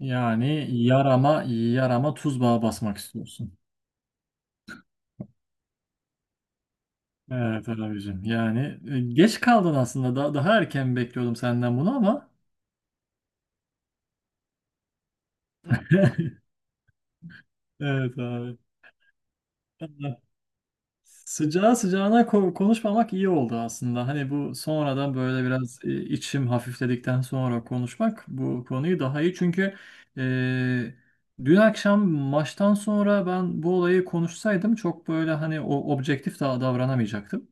Yani yarama tuz bağı basmak istiyorsun. Evet abicim. Yani geç kaldın aslında. Daha erken bekliyordum senden bunu ama. Evet abi. Vallahi, sıcağı sıcağına konuşmamak iyi oldu aslında. Hani bu sonradan böyle biraz, içim hafifledikten sonra konuşmak bu konuyu daha iyi. Çünkü e, dün akşam maçtan sonra ben bu olayı konuşsaydım çok böyle hani o objektif daha davranamayacaktım.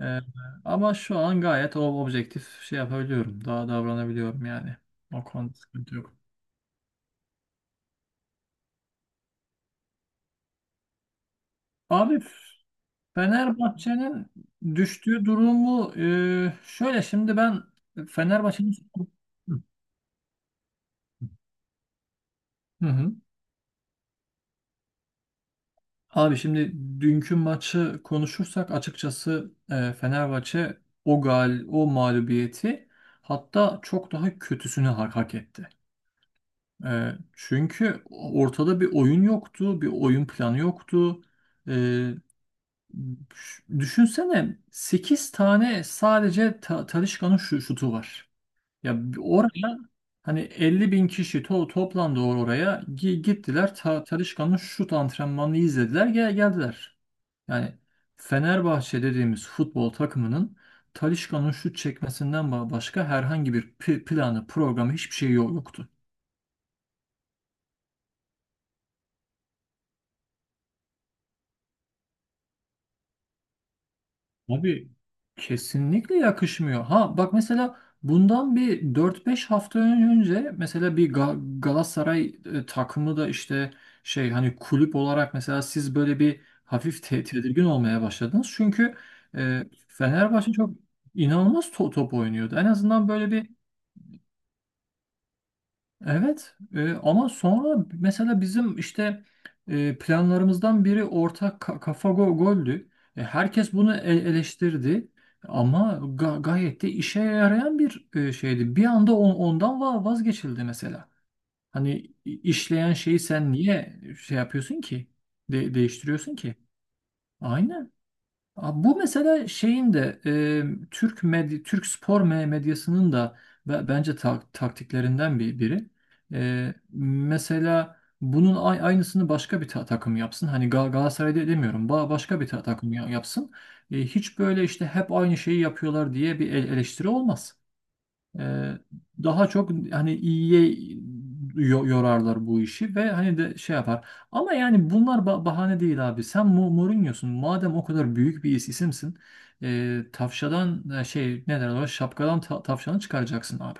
Ee, Ama şu an gayet o objektif şey yapabiliyorum. Daha davranabiliyorum yani. O konuda sıkıntı yok. Abi, Fenerbahçe'nin düştüğü durumu şöyle şimdi ben Fenerbahçe'nin... Hı hı. Hı. Abi şimdi dünkü maçı konuşursak açıkçası, Fenerbahçe o mağlubiyeti, hatta çok daha kötüsünü hak etti. Çünkü ortada bir oyun yoktu, bir oyun planı yoktu. E, Düşünsene, 8 tane sadece Talisca'nın şu şutu var. Ya oraya hani 50.000 kişi toplandı, oraya gittiler, Talisca'nın şut antrenmanını izlediler, geldiler. Yani Fenerbahçe dediğimiz futbol takımının Talisca'nın şut çekmesinden başka herhangi bir planı programı hiçbir şey yoktu. Abi kesinlikle yakışmıyor. Ha bak, mesela bundan bir 4-5 hafta önce mesela bir Galatasaray takımı da işte şey hani kulüp olarak mesela siz böyle bir hafif tedirgin olmaya başladınız. Çünkü e, Fenerbahçe çok inanılmaz top oynuyordu. En azından böyle bir... Evet, ama sonra mesela bizim işte, planlarımızdan biri ortak kafa goldü. Herkes bunu eleştirdi ama gayet de işe yarayan bir, şeydi. Bir anda ondan vazgeçildi mesela. Hani işleyen şeyi sen niye şey yapıyorsun ki? Değiştiriyorsun ki? Aynen. Abi bu mesela şeyin de, Türk medya, Türk spor medyasının da bence taktiklerinden biri. Mesela bunun aynısını başka bir takım yapsın. Hani Galatasaray'da demiyorum. Başka bir takım yapsın. Hiç böyle işte hep aynı şeyi yapıyorlar diye bir eleştiri olmaz. Ee, Daha çok hani iyiye yorarlar bu işi ve hani de şey yapar. Ama yani bunlar bahane değil abi. Sen Mourinho'sun. Madem o kadar büyük bir isimsin, tavşadan, şey ne derler ona, şapkadan tavşanı çıkaracaksın abi.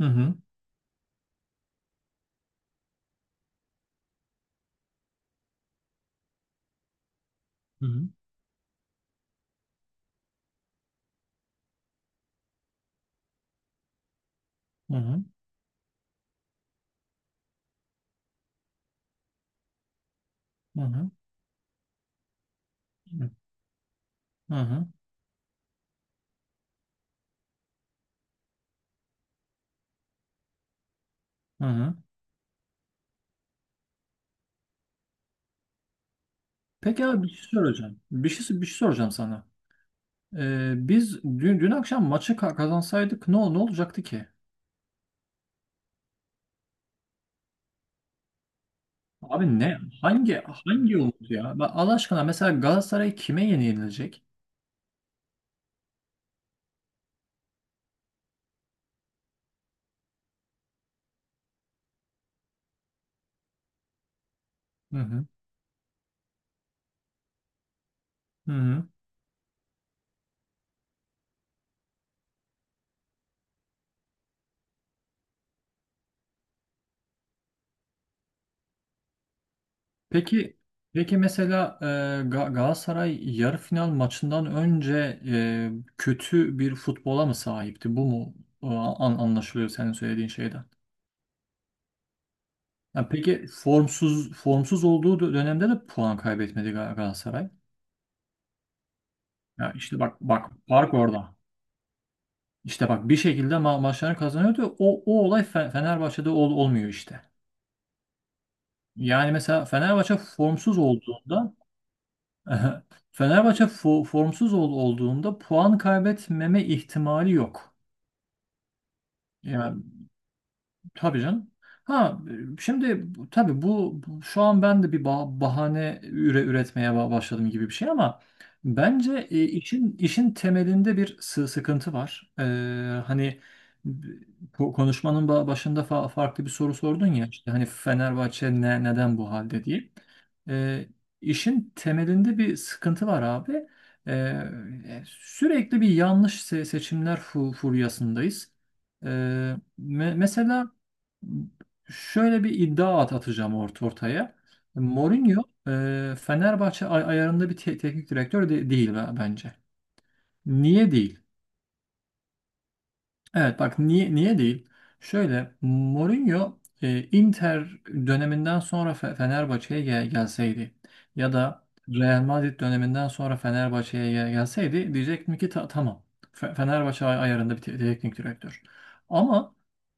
Hı hı. Hı hı. Hı hı. Hı hı. Hı hı. Hı hı. Peki abi, bir şey soracağım. Bir şey soracağım sana. Biz dün akşam maçı kazansaydık ne olacaktı ki? Abi ne? Hangi umut ya? Bak Allah aşkına, mesela Galatasaray kime yenilecek? Hı hı. Hı hı. Peki peki mesela, Galatasaray yarı final maçından önce, kötü bir futbola mı sahipti? Bu mu anlaşılıyor senin söylediğin şeyden? Ya peki, formsuz olduğu dönemde de puan kaybetmedi Galatasaray. Ya işte bak bak, fark orada. İşte bak, bir şekilde maçlarını kazanıyordu. O olay Fenerbahçe'de olmuyor işte. Yani mesela Fenerbahçe formsuz olduğunda Fenerbahçe formsuz olduğunda puan kaybetmeme ihtimali yok. Yani. Tabii canım. Ha, şimdi tabii şu an ben de bir bahane üretmeye başladım gibi bir şey, ama bence, işin temelinde bir sıkıntı var. Hani bu konuşmanın başında farklı bir soru sordun ya işte, hani Fenerbahçe neden bu halde diye. Ee, işin temelinde bir sıkıntı var abi. Sürekli bir yanlış seçimler furyasındayız. Ee, Mesela şöyle bir iddia atacağım ortaya. Mourinho, Fenerbahçe ayarında bir teknik direktör değil bence. Niye değil? Evet bak, niye değil? Şöyle, Mourinho Inter döneminden sonra Fenerbahçe'ye gelseydi ya da Real Madrid döneminden sonra Fenerbahçe'ye gelseydi diyecektim ki Tamam, Fenerbahçe ayarında bir teknik direktör." Ama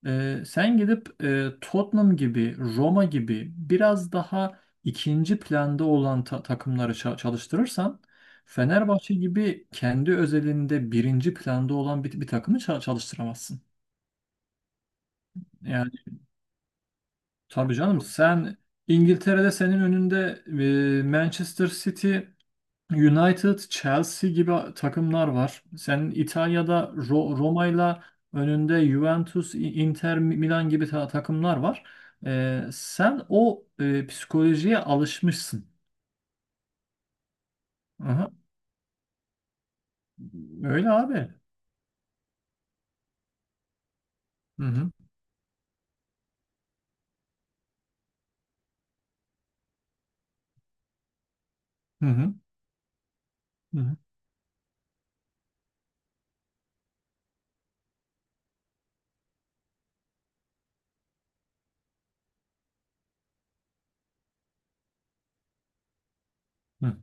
sen gidip, Tottenham gibi, Roma gibi biraz daha ikinci planda olan takımları çalıştırırsan, Fenerbahçe gibi kendi özelinde birinci planda olan bir takımı çalıştıramazsın. Yani tabii canım, sen İngiltere'de senin önünde Manchester City, United, Chelsea gibi takımlar var. Senin İtalya'da Roma'yla önünde Juventus, Inter Milan gibi takımlar var. Sen o psikolojiye alışmışsın. Aha, öyle abi. Hı hı. Hı hı. Hı hı. Hı.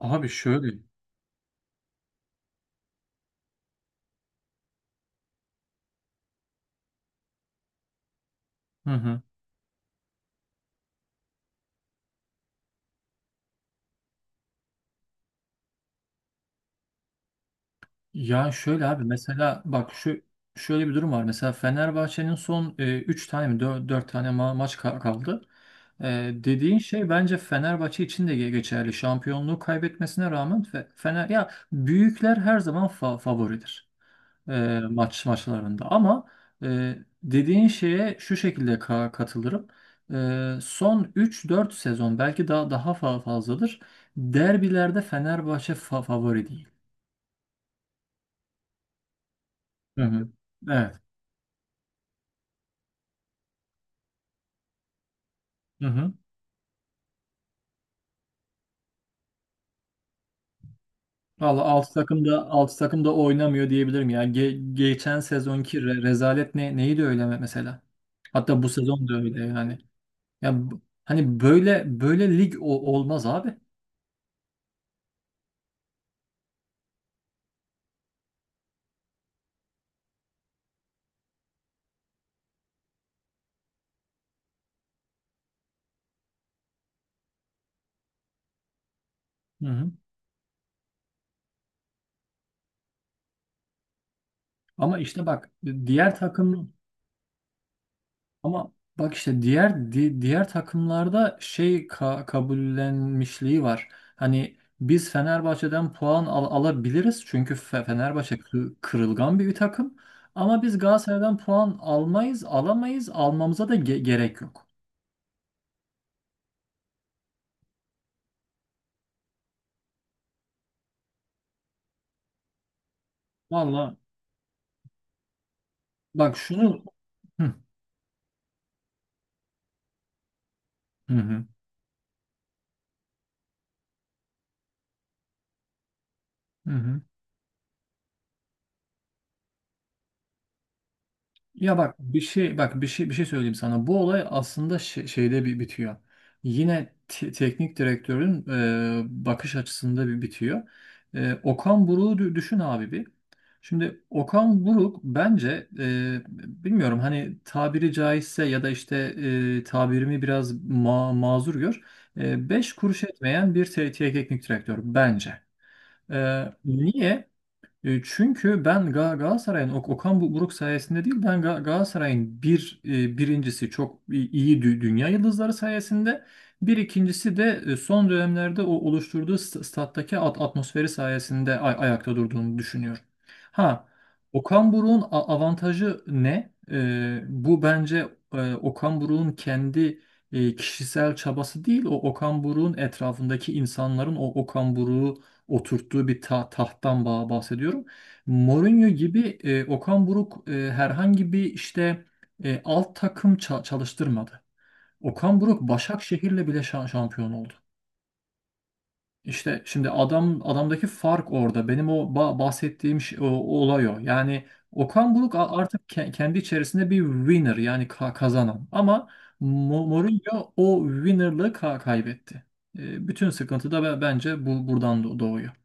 Abi şöyle. Hı hı. Ya şöyle abi, mesela bak şu şöyle bir durum var. Mesela Fenerbahçe'nin son 3 tane mi 4 tane maç kaldı. Dediğin şey bence Fenerbahçe için de geçerli. Şampiyonluğu kaybetmesine rağmen Fener, ya büyükler her zaman favoridir maçlarında. Ama e, dediğin şeye şu şekilde katılırım. Son 3-4 sezon, belki daha fazladır. Derbilerde Fenerbahçe favori değil. Hı hı. Evet. Hı hı. Valla, 6 takım da 6 takım da oynamıyor diyebilirim ya. Geçen sezonki rezalet neydi öyle mesela? Hatta bu sezon da öyle yani. Ya hani böyle böyle lig olmaz abi. Hı hı. Ama işte bak diğer takım Ama bak işte diğer takımlarda şey kabullenmişliği var. Hani biz Fenerbahçe'den puan alabiliriz çünkü Fenerbahçe kırılgan bir takım. Ama biz Galatasaray'dan puan almayız, alamayız, almamıza da gerek yok. Valla, bak şunu. Hı hı hı. Hı hı. Ya bak, bir şey söyleyeyim sana. Bu olay aslında şeyde bir bitiyor. Yine teknik direktörün bakış açısında bir bitiyor. Okan Buruk'u düşün abi bir. Şimdi Okan Buruk bence, bilmiyorum hani, tabiri caizse ya da işte tabirimi biraz mazur gör. Beş kuruş etmeyen bir teknik direktör bence. Niye? Çünkü ben Galatasaray'ın Okan Buruk sayesinde değil, ben Galatasaray'ın bir, birincisi çok iyi dünya yıldızları sayesinde, bir ikincisi de son dönemlerde oluşturduğu stat'taki atmosferi sayesinde ayakta durduğunu düşünüyorum. Ha, Okan Buruk'un avantajı ne? Bu bence, Okan Buruk'un kendi, kişisel çabası değil, o Okan Buruk'un etrafındaki insanların o Okan Buruk'u oturttuğu bir tahttan bahsediyorum. Mourinho gibi, Okan Buruk herhangi bir işte, alt takım çalıştırmadı. Okan Buruk Başakşehir'le bile şampiyon oldu. İşte şimdi adamdaki fark orada. Benim o bahsettiğim şey, o olay o. Yani Okan Buruk artık kendi içerisinde bir winner, yani kazanan. Ama Mourinho o winnerlığı kaybetti. Bütün sıkıntı da bence buradan doğuyor.